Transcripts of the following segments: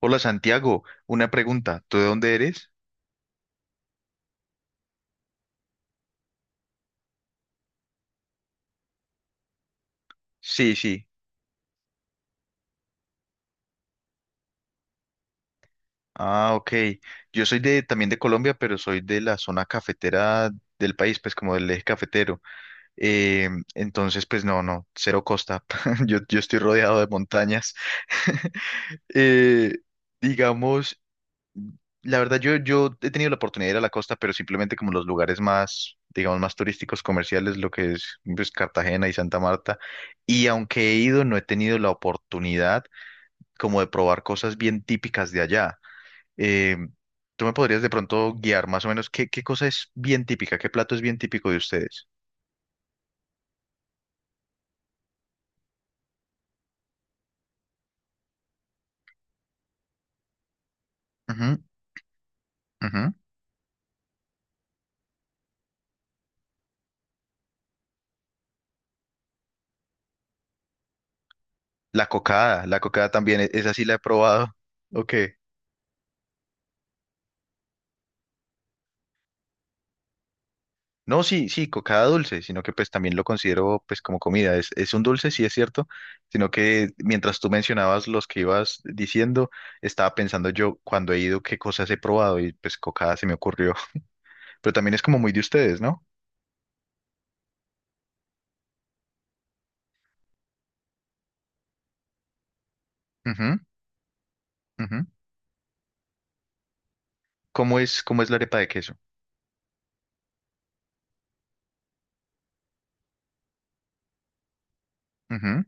Hola Santiago, una pregunta, ¿tú de dónde eres? Sí, sí. Ah, ok. Yo soy de también de Colombia, pero soy de la zona cafetera del país, pues como del eje cafetero. Eh, entonces, pues no, no, cero costa. Yo estoy rodeado de montañas. Eh, digamos, la verdad, yo he tenido la oportunidad de ir a la costa, pero simplemente como los lugares más, digamos, más turísticos, comerciales, lo que es pues, Cartagena y Santa Marta. Y aunque he ido, no he tenido la oportunidad como de probar cosas bien típicas de allá. Eh, ¿Tú me podrías de pronto guiar más o menos qué cosa es bien típica, qué plato es bien típico de ustedes? Ujú, ujú. La cocada también, esa sí la he probado. Ok. No, sí, sí, cocada dulce, sino que pues también lo considero pues como comida. Es un dulce, sí es cierto, sino que mientras tú mencionabas los que ibas diciendo, estaba pensando yo cuando he ido qué cosas he probado y pues cocada se me ocurrió. Pero también es como muy de ustedes, ¿no? Ujú, ujú. Cómo es la arepa de queso? Ujú.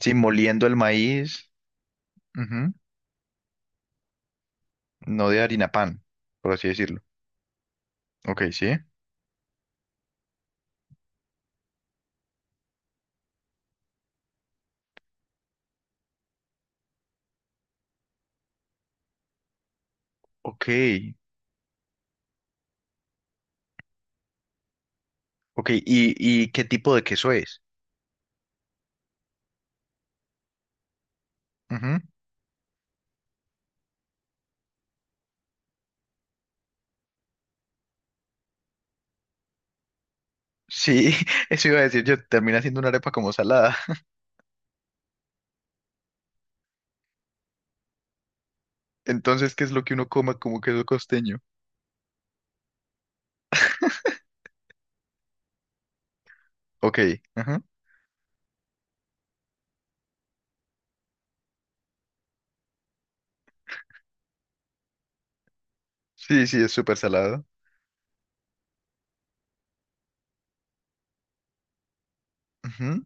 Sí, moliendo el maíz, ujú. No de harina pan, por así decirlo. Ok, sí. Ok, ok. Y qué tipo de queso es? Ujú. Sí, eso iba a decir yo, termina siendo una arepa como salada. Entonces, ¿qué es lo que uno coma como queso costeño? Ok, ajá. Sí, sí, es súper salado. Ujú.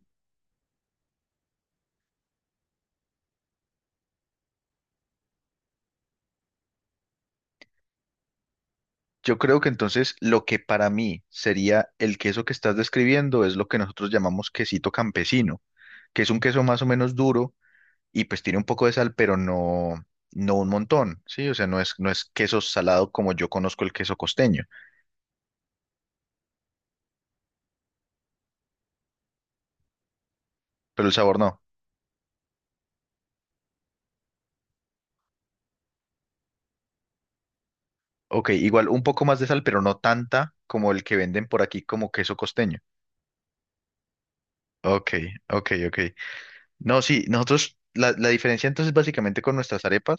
Yo creo que entonces lo que para mí sería el queso que estás describiendo es lo que nosotros llamamos quesito campesino, que es un queso más o menos duro y pues tiene un poco de sal, pero no, no un montón, ¿sí? O sea, no es, no es queso salado como yo conozco el queso costeño, pero el sabor no. Ok, igual un poco más de sal, pero no tanta como el que venden por aquí como queso costeño. Ok, ok, ok. No, sí, nosotros, la diferencia entonces básicamente con nuestras arepas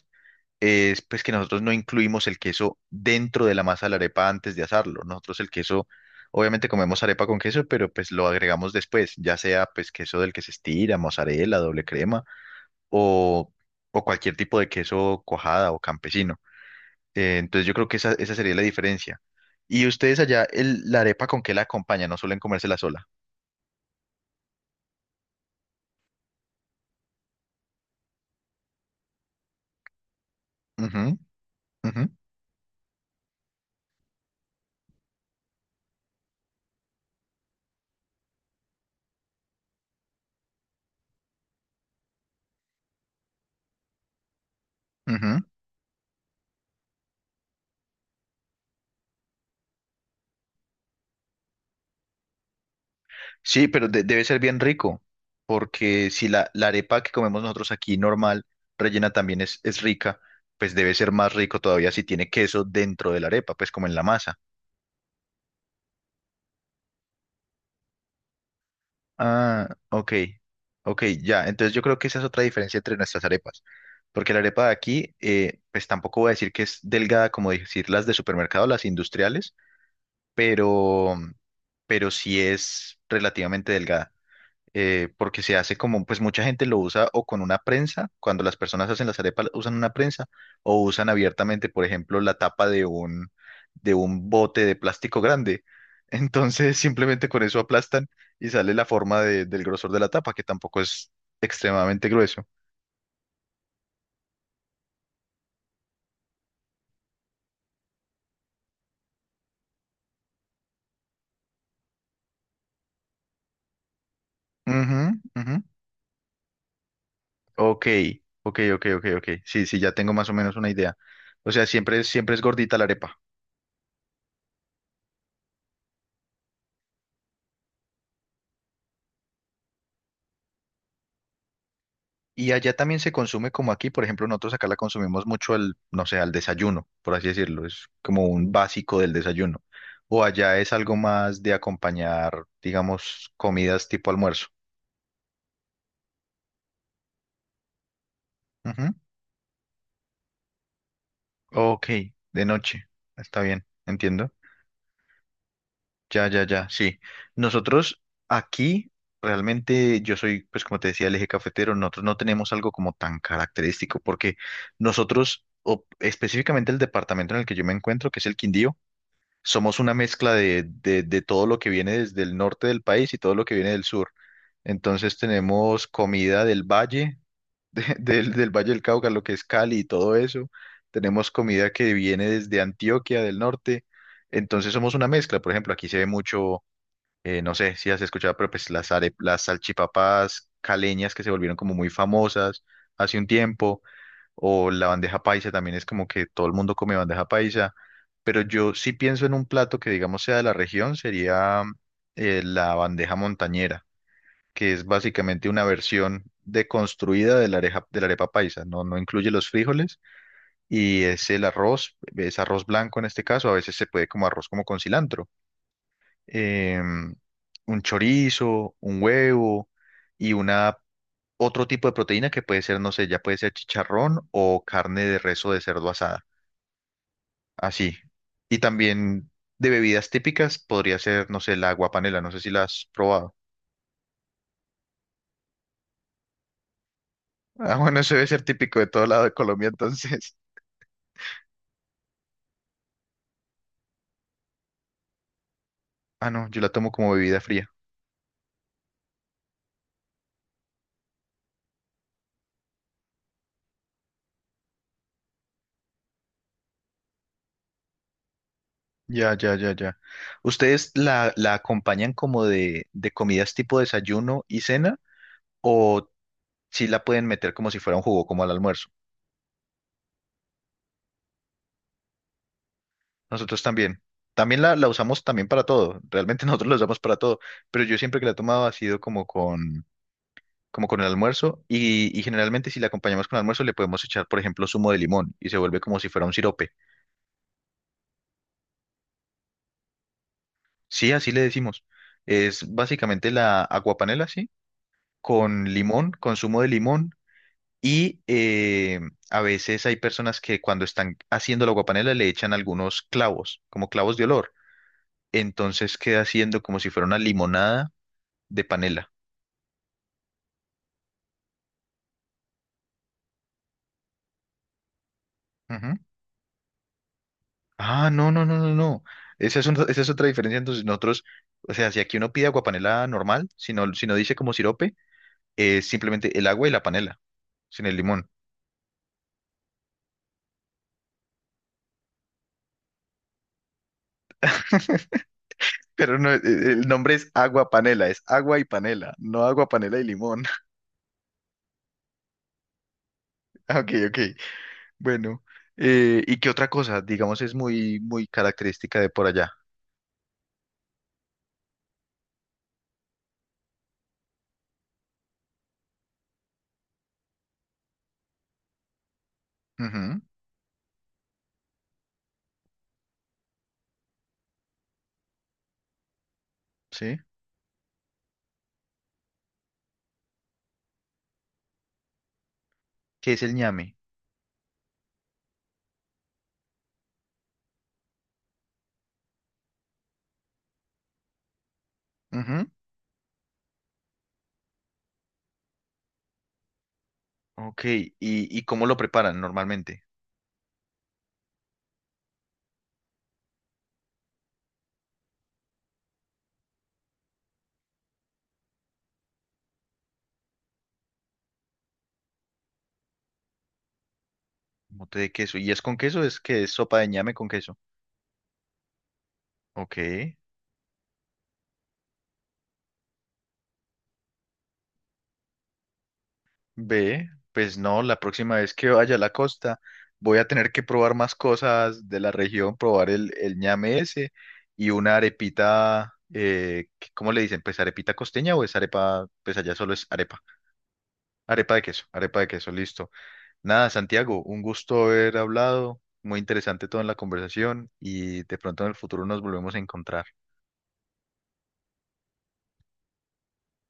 es pues que nosotros no incluimos el queso dentro de la masa de la arepa antes de asarlo. Nosotros el queso, obviamente comemos arepa con queso, pero pues lo agregamos después, ya sea pues queso del que se estira, mozzarella, doble crema o, o cualquier tipo de queso cuajada o campesino. Entonces yo creo que esa sería la diferencia. Y ustedes allá, la arepa con qué la acompañan, no suelen comérsela sola. Ujú, ujú, ujú. Sí, pero debe ser bien rico, porque si la, la arepa que comemos nosotros aquí normal, rellena también es rica, pues debe ser más rico todavía si tiene queso dentro de la arepa, pues como en la masa. Ah, ok, ok, ya. Entonces yo creo que esa es otra diferencia entre nuestras arepas, porque la arepa de aquí, pues tampoco voy a decir que es delgada como decir las de supermercado, las industriales, pero, pero sí es relativamente delgada porque se hace como, pues mucha gente lo usa o con una prensa, cuando las personas hacen las arepas usan una prensa, o usan abiertamente, por ejemplo, la tapa de un bote de plástico grande. Entonces simplemente con eso aplastan y sale la forma del grosor de la tapa, que tampoco es extremadamente grueso. Ujú, ujú. Ok, ok, ok, ok, ok. Sí, sí, ya tengo más o menos una idea. O sea, siempre, siempre es gordita la arepa. Y allá también se consume como aquí, por ejemplo, nosotros acá la consumimos mucho al, no sé, al desayuno, por así decirlo, es como un básico del desayuno. O allá es algo más de acompañar, digamos, comidas tipo almuerzo. Ujú. Ok, de noche, está bien, entiendo. Ya, ya, ya, sí. Nosotros aquí, realmente, yo soy, pues como te decía, el eje cafetero, nosotros no tenemos algo como tan característico, porque nosotros, o específicamente el departamento en el que yo me encuentro, que es el Quindío, somos una mezcla de todo lo que viene desde el norte del país y todo lo que viene del sur. Entonces tenemos comida del valle, del, del Valle del Cauca, lo que es Cali y todo eso. Tenemos comida que viene desde Antioquia del norte. Entonces somos una mezcla. Por ejemplo, aquí se ve mucho, no sé si has escuchado, pero pues las, las salchipapas caleñas que se volvieron como muy famosas hace un tiempo. O la bandeja paisa también es como que todo el mundo come bandeja paisa. Pero yo sí pienso en un plato que, digamos, sea de la región, sería la bandeja montañera, que es básicamente una versión deconstruida de la de la arepa paisa. No, no incluye los frijoles y es el arroz, es arroz blanco en este caso, a veces se puede como arroz como con cilantro. Em, un chorizo, un huevo y una, otro tipo de proteína que puede ser, no sé, ya puede ser chicharrón o carne de res o de cerdo asada. Así. Y también de bebidas típicas podría ser, no sé, la aguapanela, no sé si la has probado. Ah, bueno, eso debe ser típico de todo lado de Colombia, entonces. Ah, no, yo la tomo como bebida fría. Ya, ya, ya, ya. ¿Ustedes la, la acompañan como de comidas tipo desayuno y cena? ¿O si la pueden meter como si fuera un jugo, como al almuerzo? Nosotros también. También la usamos también para todo. Realmente nosotros la usamos para todo. Pero yo siempre que la he tomado ha sido como con el almuerzo y generalmente si la acompañamos con almuerzo le podemos echar, por ejemplo, zumo de limón y se vuelve como si fuera un sirope. Sí, así le decimos. Es básicamente la aguapanela, sí, con limón, con zumo de limón y a veces hay personas que cuando están haciendo la aguapanela le echan algunos clavos, como clavos de olor. Entonces queda haciendo como si fuera una limonada de panela. Ujú. Ah, no, no, no, no, no. Esa es, esa es otra diferencia. Entonces, nosotros, o sea, si aquí uno pide aguapanela normal, si no, si no dice como sirope, es simplemente el agua y la panela, sin el limón. Pero no, el nombre es agua panela, es agua y panela, no agua panela y limón. Ah, Ok, ok. Bueno, ¿y qué otra cosa? Digamos, es muy, muy característica de por allá. Ujú, sí. ¿Qué es el ñame? Ujú, Ok, ¿Y, y cómo lo preparan normalmente? Mote de queso. ¿Y es con queso? ¿Es que es sopa de ñame con queso? Ok, ve, pues no, la próxima vez que vaya a la costa voy a tener que probar más cosas de la región, probar el ñame ese y una arepita, ¿cómo le dicen? Pues arepita costeña o es arepa, pues allá solo es arepa, arepa de queso, listo. Nada, Santiago, un gusto haber hablado, muy interesante toda la conversación y de pronto en el futuro nos volvemos a encontrar.